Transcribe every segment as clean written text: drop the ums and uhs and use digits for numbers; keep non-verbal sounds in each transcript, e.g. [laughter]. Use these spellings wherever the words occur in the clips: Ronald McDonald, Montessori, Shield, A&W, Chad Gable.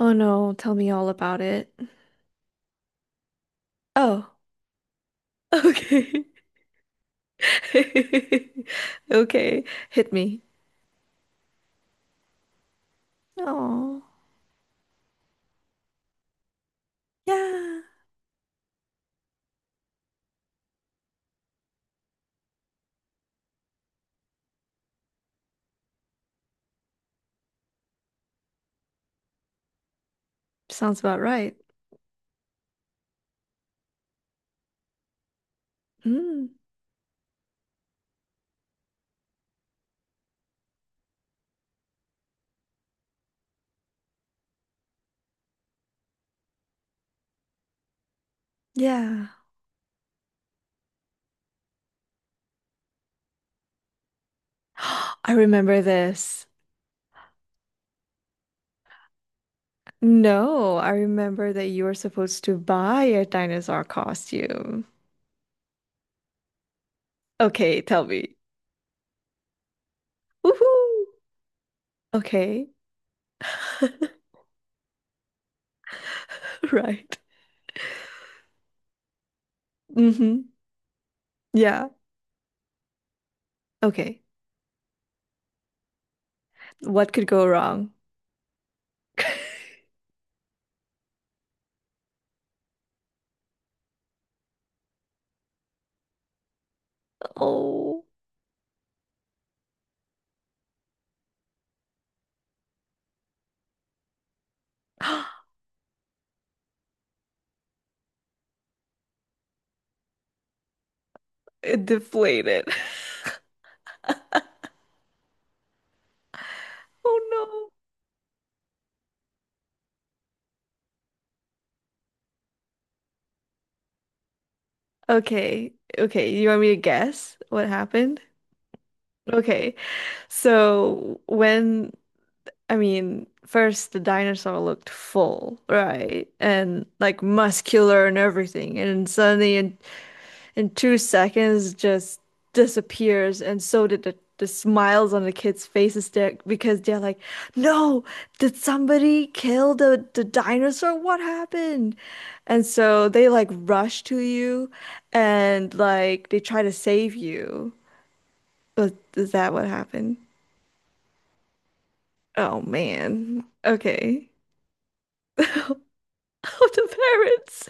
Oh no, tell me all about it. Oh, okay. [laughs] Okay, hit me. Oh, yeah. Sounds about right. Mm, yeah. [gasps] I remember this. No, I remember that you were supposed to buy a dinosaur costume. Okay, tell me. Woohoo! Okay. [laughs] Right. Mm-hmm. Yeah. Okay. What could go wrong? [laughs] Oh, [gasps] it deflated. Oh no. Okay. Okay. You want me to guess what happened? Okay. So when, I mean, first the dinosaur looked full, right? And like muscular and everything. And suddenly it in 2 seconds just disappears and so did the smiles on the kids' faces there because they're like, no, did somebody kill the dinosaur? What happened? And so they like rush to you and like they try to save you. But is that what happened? Oh man. Okay. [laughs] Oh, the parents.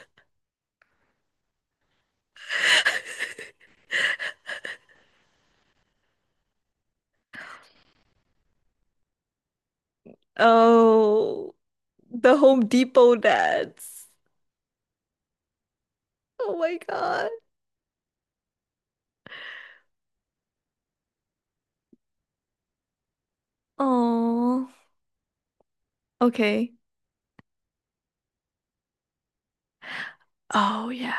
Oh, the Home Depot dads. Oh my God. Oh. Okay. Oh yeah.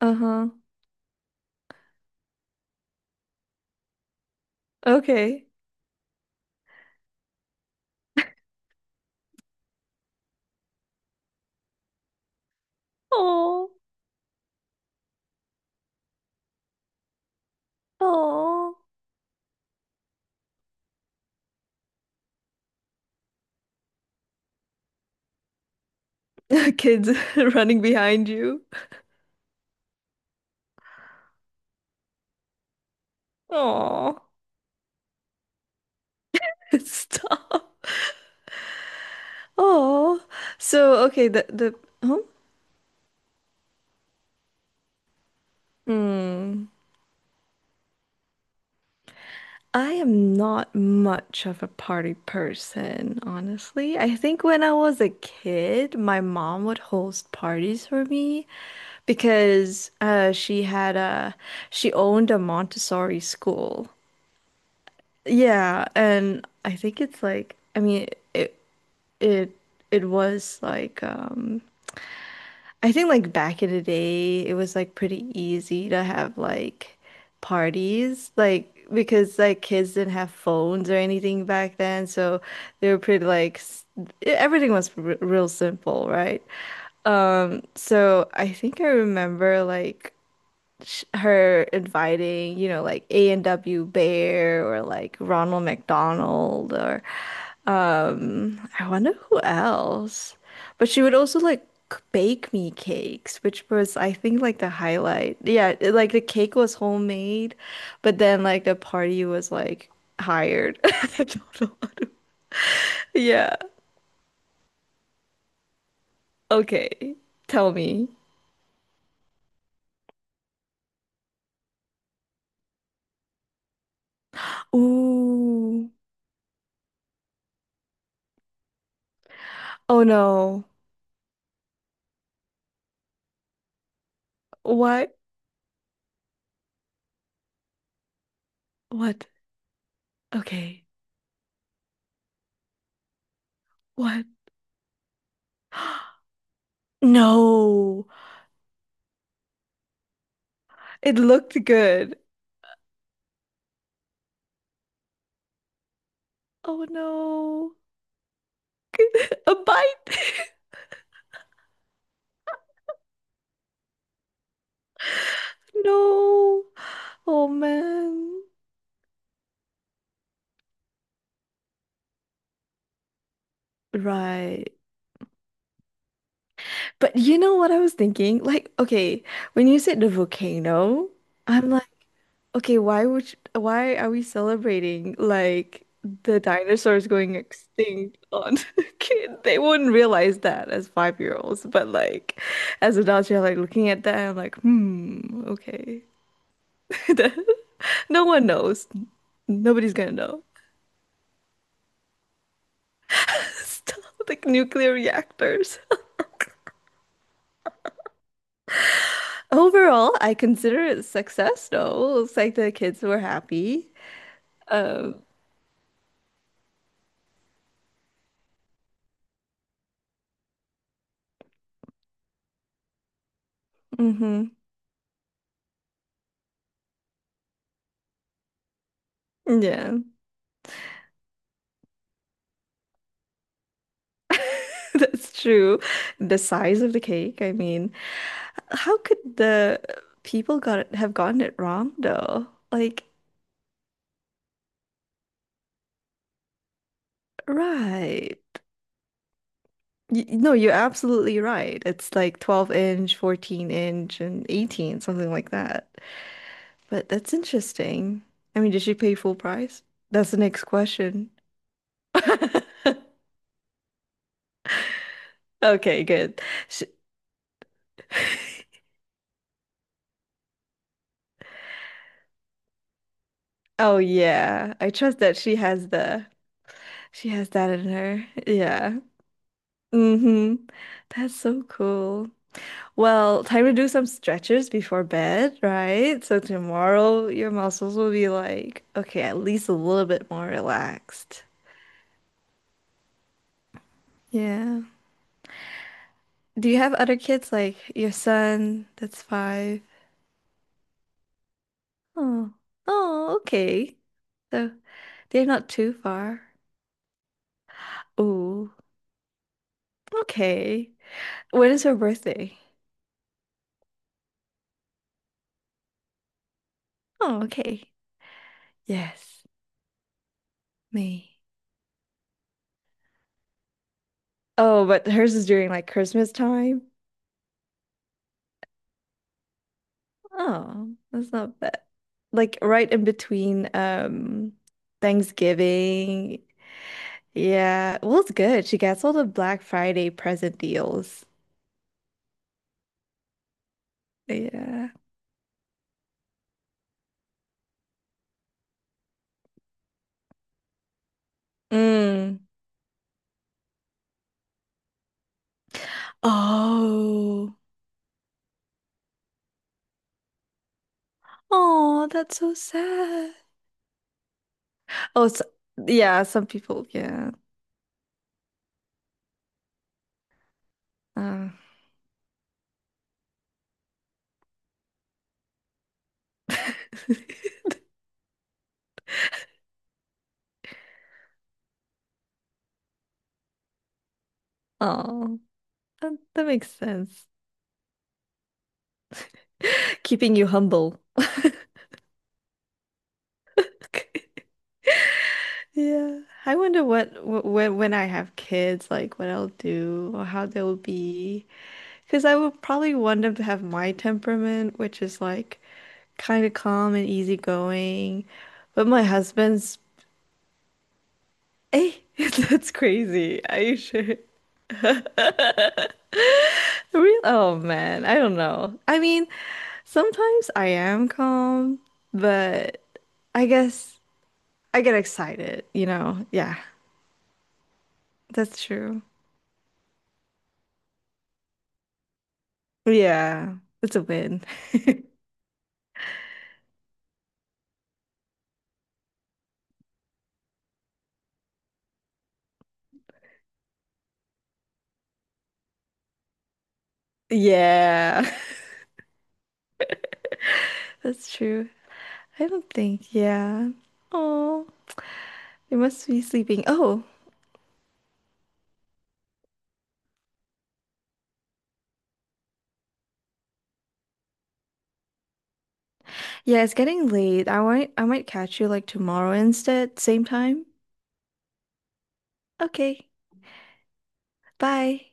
Uh-huh. Okay. Oh. Oh. [laughs] Kids [laughs] running behind you. Oh. [laughs] Stop. Oh. So okay, the huh? Hmm. I am not much of a party person, honestly. I think when I was a kid, my mom would host parties for me because she had a she owned a Montessori school. Yeah, and I think it's like I mean it it it was like I think like back in the day it was like pretty easy to have like parties like because like kids didn't have phones or anything back then, so they were pretty like everything was r real simple, right? So I think I remember like her inviting, you know, like A&W Bear or like Ronald McDonald or I wonder who else. But she would also like bake me cakes, which was I think like the highlight. Yeah, like the cake was homemade, but then like the party was like hired. [laughs] I don't know. Yeah. Okay. Tell me. Ooh. Oh no. What? What? Okay. What? [gasps] No. It looked good. Oh no. [laughs] A bite. [laughs] No. Oh man. Right. But you know what I was thinking? Like, okay, when you said the volcano, I'm like, okay, why are we celebrating like the dinosaurs going extinct on [laughs] kid? They wouldn't realize that as five-year-olds, but like as adults, you're like looking at that and I'm like, hmm, okay. [laughs] No one knows. Nobody's gonna know. [laughs] Stop, like nuclear reactors. Overall, I consider it a success though. Looks like the kids were happy. Um, mhm. Yeah. [laughs] That's true. The size of the cake, I mean, how could the people got it, have gotten it wrong though? Like, right. Y no, you're absolutely right. It's like 12 inch, 14 inch, and 18, something like that. But that's interesting. I mean, did she pay full price? That's the next question. [laughs] Okay, good. Sh oh yeah, I trust that she has that in her. Yeah. Mm-hmm. That's so cool. Well, time to do some stretches before bed, right? So tomorrow your muscles will be like, okay, at least a little bit more relaxed. Yeah. Do you have other kids like your son that's five? Oh, oh, okay. So they're not too far. Oh, okay. When is her birthday? Oh, okay. Yes, May. Oh, but hers is during like Christmas time. Oh, that's not bad. Like right in between Thanksgiving. Yeah. Well, it's good. She gets all the Black Friday present deals. Yeah. Mm. Oh. Oh, that's so sad. Oh, so, yeah, some people, yeah. Uh, [laughs] oh, that makes sense. Keeping you humble. Yeah. I wonder what wh- when I have kids, like what I'll do or how they'll be. Because I would probably want them to have my temperament, which is like kind of calm and easygoing. But my husband's, hey, [laughs] that's crazy. Are you sure? [laughs] Real? Oh man, I don't know. I mean, sometimes I am calm, but I guess I get excited, you know? Yeah, that's true. Yeah, it's a win. [laughs] Yeah, [laughs] that's true. I don't think, yeah. Oh, you must be sleeping. Oh, yeah, it's getting late. I might catch you like tomorrow instead, same time. Okay, bye.